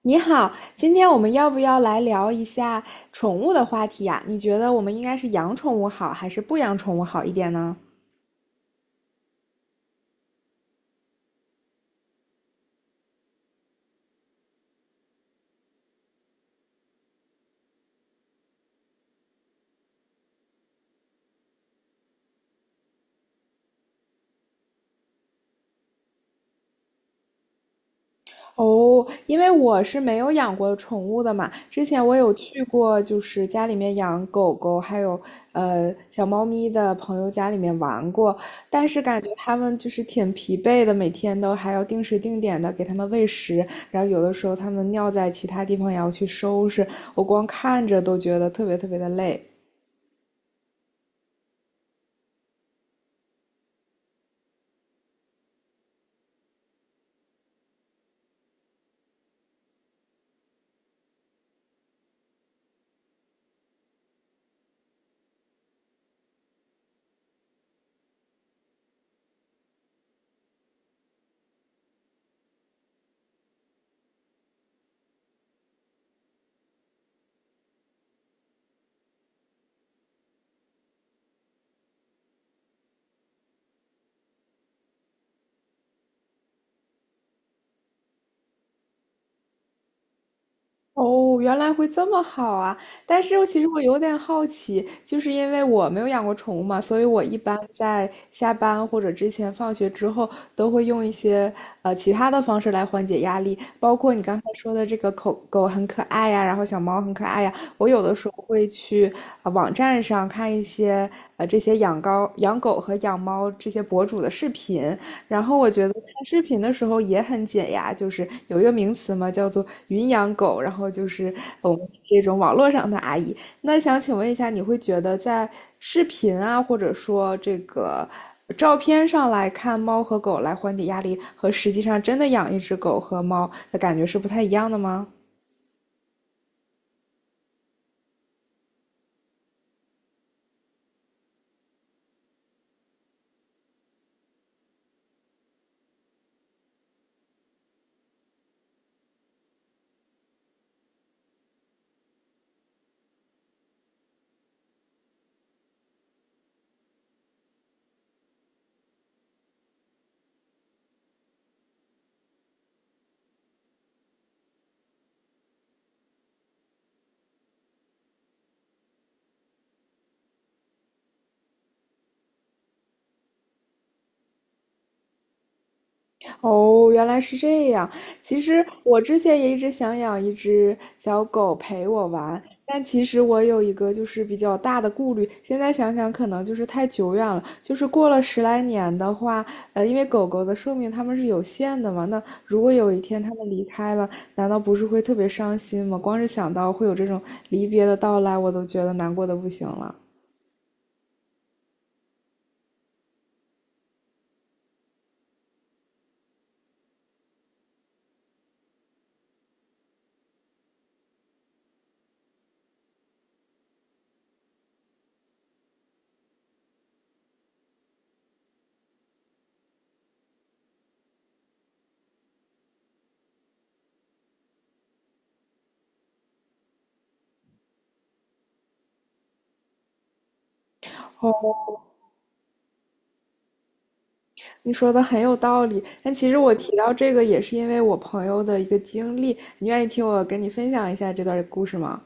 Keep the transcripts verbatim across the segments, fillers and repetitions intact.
你好，今天我们要不要来聊一下宠物的话题呀？你觉得我们应该是养宠物好，还是不养宠物好一点呢？哦，因为我是没有养过宠物的嘛，之前我有去过，就是家里面养狗狗，还有呃小猫咪的朋友家里面玩过，但是感觉它们就是挺疲惫的，每天都还要定时定点的给它们喂食，然后有的时候它们尿在其他地方也要去收拾，我光看着都觉得特别特别的累。哦，原来会这么好啊！但是其实我有点好奇，就是因为我没有养过宠物嘛，所以我一般在下班或者之前放学之后，都会用一些呃其他的方式来缓解压力，包括你刚才说的这个狗狗很可爱呀，然后小猫很可爱呀，我有的时候会去呃网站上看一些呃这些养高养狗和养猫这些博主的视频，然后我觉得看视频的时候也很解压，就是有一个名词嘛，叫做“云养狗”，然后就是呃我们这种网络上的阿姨。那想请问一下，你会觉得在视频啊，或者说这个照片上来看猫和狗来缓解压力，和实际上真的养一只狗和猫的感觉是不太一样的吗？哦，原来是这样。其实我之前也一直想养一只小狗陪我玩，但其实我有一个就是比较大的顾虑。现在想想，可能就是太久远了。就是过了十来年的话，呃，因为狗狗的寿命它们是有限的嘛，那如果有一天它们离开了，难道不是会特别伤心吗？光是想到会有这种离别的到来，我都觉得难过的不行了。哦，你说的很有道理，但其实我提到这个也是因为我朋友的一个经历。你愿意听我跟你分享一下这段故事吗？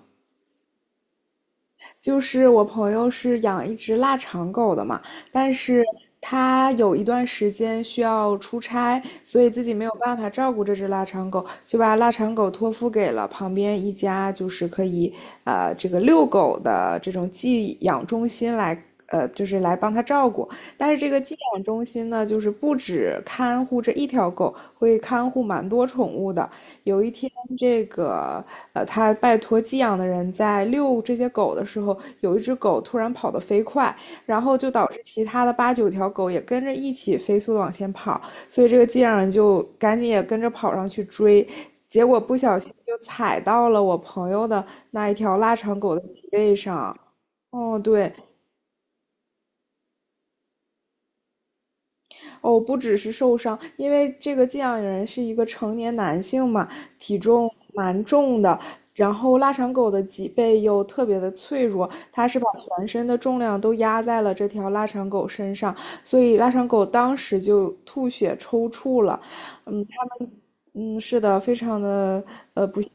就是我朋友是养一只腊肠狗的嘛，但是他有一段时间需要出差，所以自己没有办法照顾这只腊肠狗，就把腊肠狗托付给了旁边一家就是可以呃这个遛狗的这种寄养中心来。呃，就是来帮他照顾，但是这个寄养中心呢，就是不止看护这一条狗，会看护蛮多宠物的，有一天，这个呃，他拜托寄养的人在遛这些狗的时候，有一只狗突然跑得飞快，然后就导致其他的八九条狗也跟着一起飞速的往前跑，所以这个寄养人就赶紧也跟着跑上去追，结果不小心就踩到了我朋友的那一条腊肠狗的脊背上。哦，对，哦，不只是受伤，因为这个寄养人是一个成年男性嘛，体重蛮重的，然后腊肠狗的脊背又特别的脆弱，它是把全身的重量都压在了这条腊肠狗身上，所以腊肠狗当时就吐血抽搐了。嗯，它们嗯，是的，非常的呃不幸。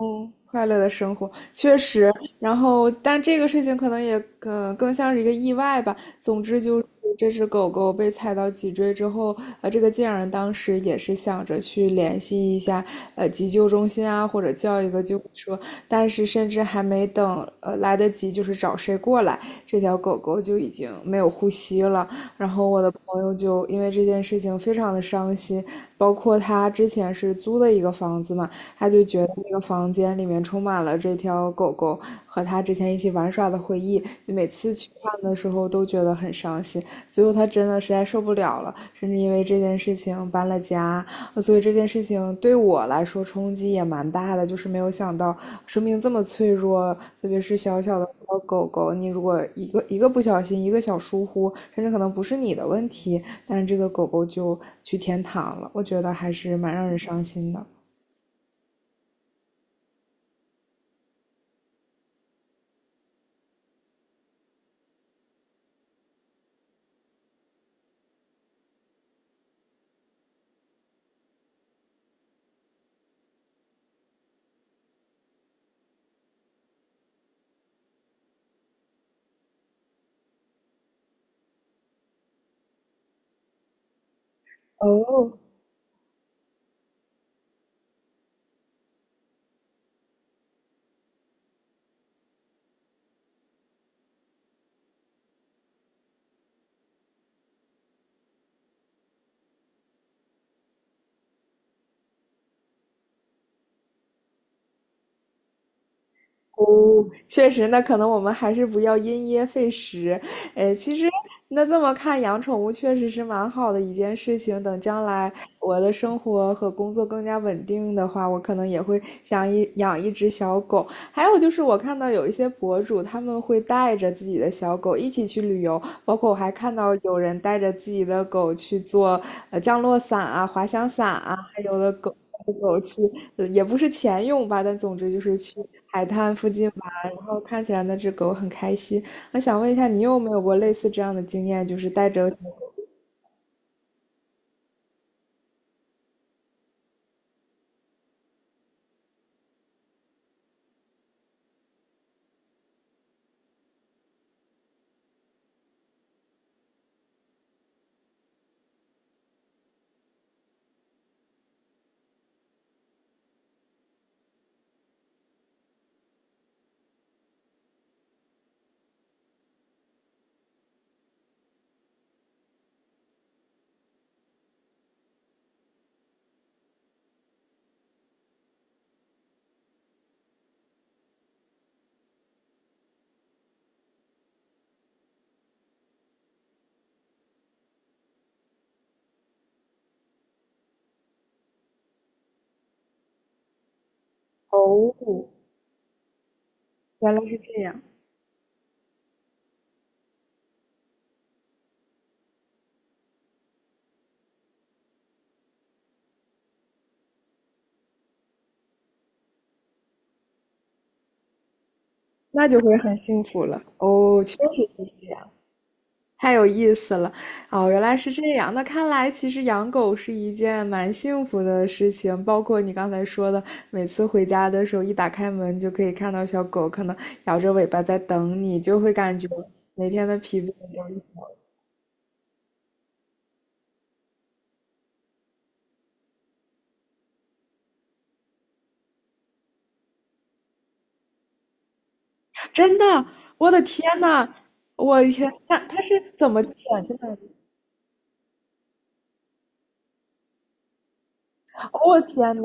嗯，快乐的生活确实，然后但这个事情可能也更更像是一个意外吧。总之就是这只狗狗被踩到脊椎之后，呃，这个竟然当时也是想着去联系一下呃急救中心啊，或者叫一个救护车，但是甚至还没等呃来得及就是找谁过来，这条狗狗就已经没有呼吸了。然后我的朋友就因为这件事情非常的伤心，包括他之前是租的一个房子嘛。他就觉得那个房间里面充满了这条狗狗和他之前一起玩耍的回忆，你每次去看的时候都觉得很伤心。最后他真的实在受不了了，甚至因为这件事情搬了家。所以这件事情对我来说冲击也蛮大的，就是没有想到生命这么脆弱，特别是小小的小狗狗，你如果一个一个不小心，一个小疏忽，甚至可能不是你的问题，但是这个狗狗就去天堂了，我觉得还是蛮让人伤心的。哦，哦，确实，那可能我们还是不要因噎废食。诶，其实那这么看，养宠物确实是蛮好的一件事情。等将来我的生活和工作更加稳定的话，我可能也会想一养一只小狗。还有就是，我看到有一些博主他们会带着自己的小狗一起去旅游，包括我还看到有人带着自己的狗去做呃降落伞啊、滑翔伞啊，还有的狗。狗去呃也不是钱用吧，但总之就是去海滩附近玩，然后看起来那只狗很开心。我想问一下，你有没有过类似这样的经验，就是带着哦，原来是这样，那就会很幸福了。哦，确实是这样，太有意思了。哦，原来是这样。那看来其实养狗是一件蛮幸福的事情，包括你刚才说的，每次回家的时候一打开门就可以看到小狗，可能摇着尾巴在等你，就会感觉每天的疲惫都真的，我的天呐，我的天，他他是怎么卷进来的？哦，我天呐，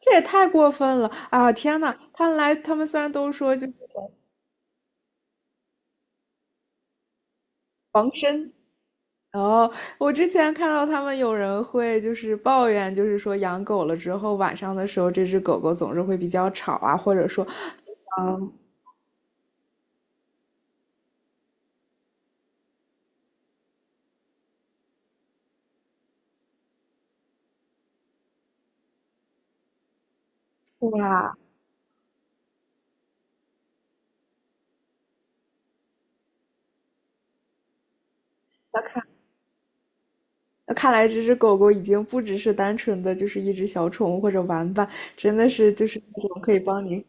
这也太过分了啊！天呐，看来他们虽然都说就是防身，哦，我之前看到他们有人会就是抱怨，就是说养狗了之后晚上的时候，这只狗狗总是会比较吵啊，或者说，哇。那看来这只狗狗已经不只是单纯的就是一只小宠物或者玩伴，真的是就是那种可以帮你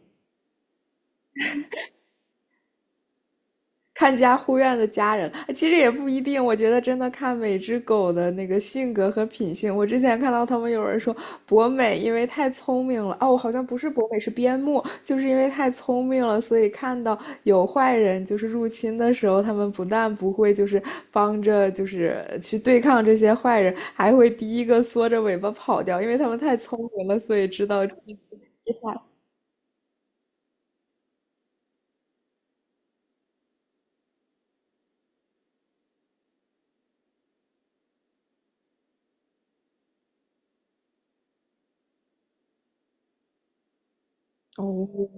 看家护院的家人，其实也不一定。我觉得真的看每只狗的那个性格和品性。我之前看到他们有人说博美因为太聪明了，哦，好像不是博美，是边牧，就是因为太聪明了，所以看到有坏人就是入侵的时候，他们不但不会就是帮着就是去对抗这些坏人，还会第一个缩着尾巴跑掉，因为他们太聪明了，所以知道去害。哦。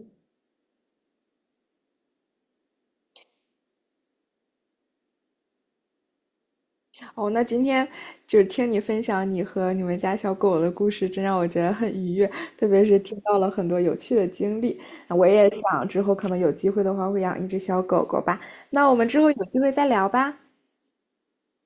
哦，那今天就是听你分享你和你们家小狗的故事，真让我觉得很愉悦，特别是听到了很多有趣的经历。我也想之后可能有机会的话会养一只小狗狗吧。那我们之后有机会再聊吧。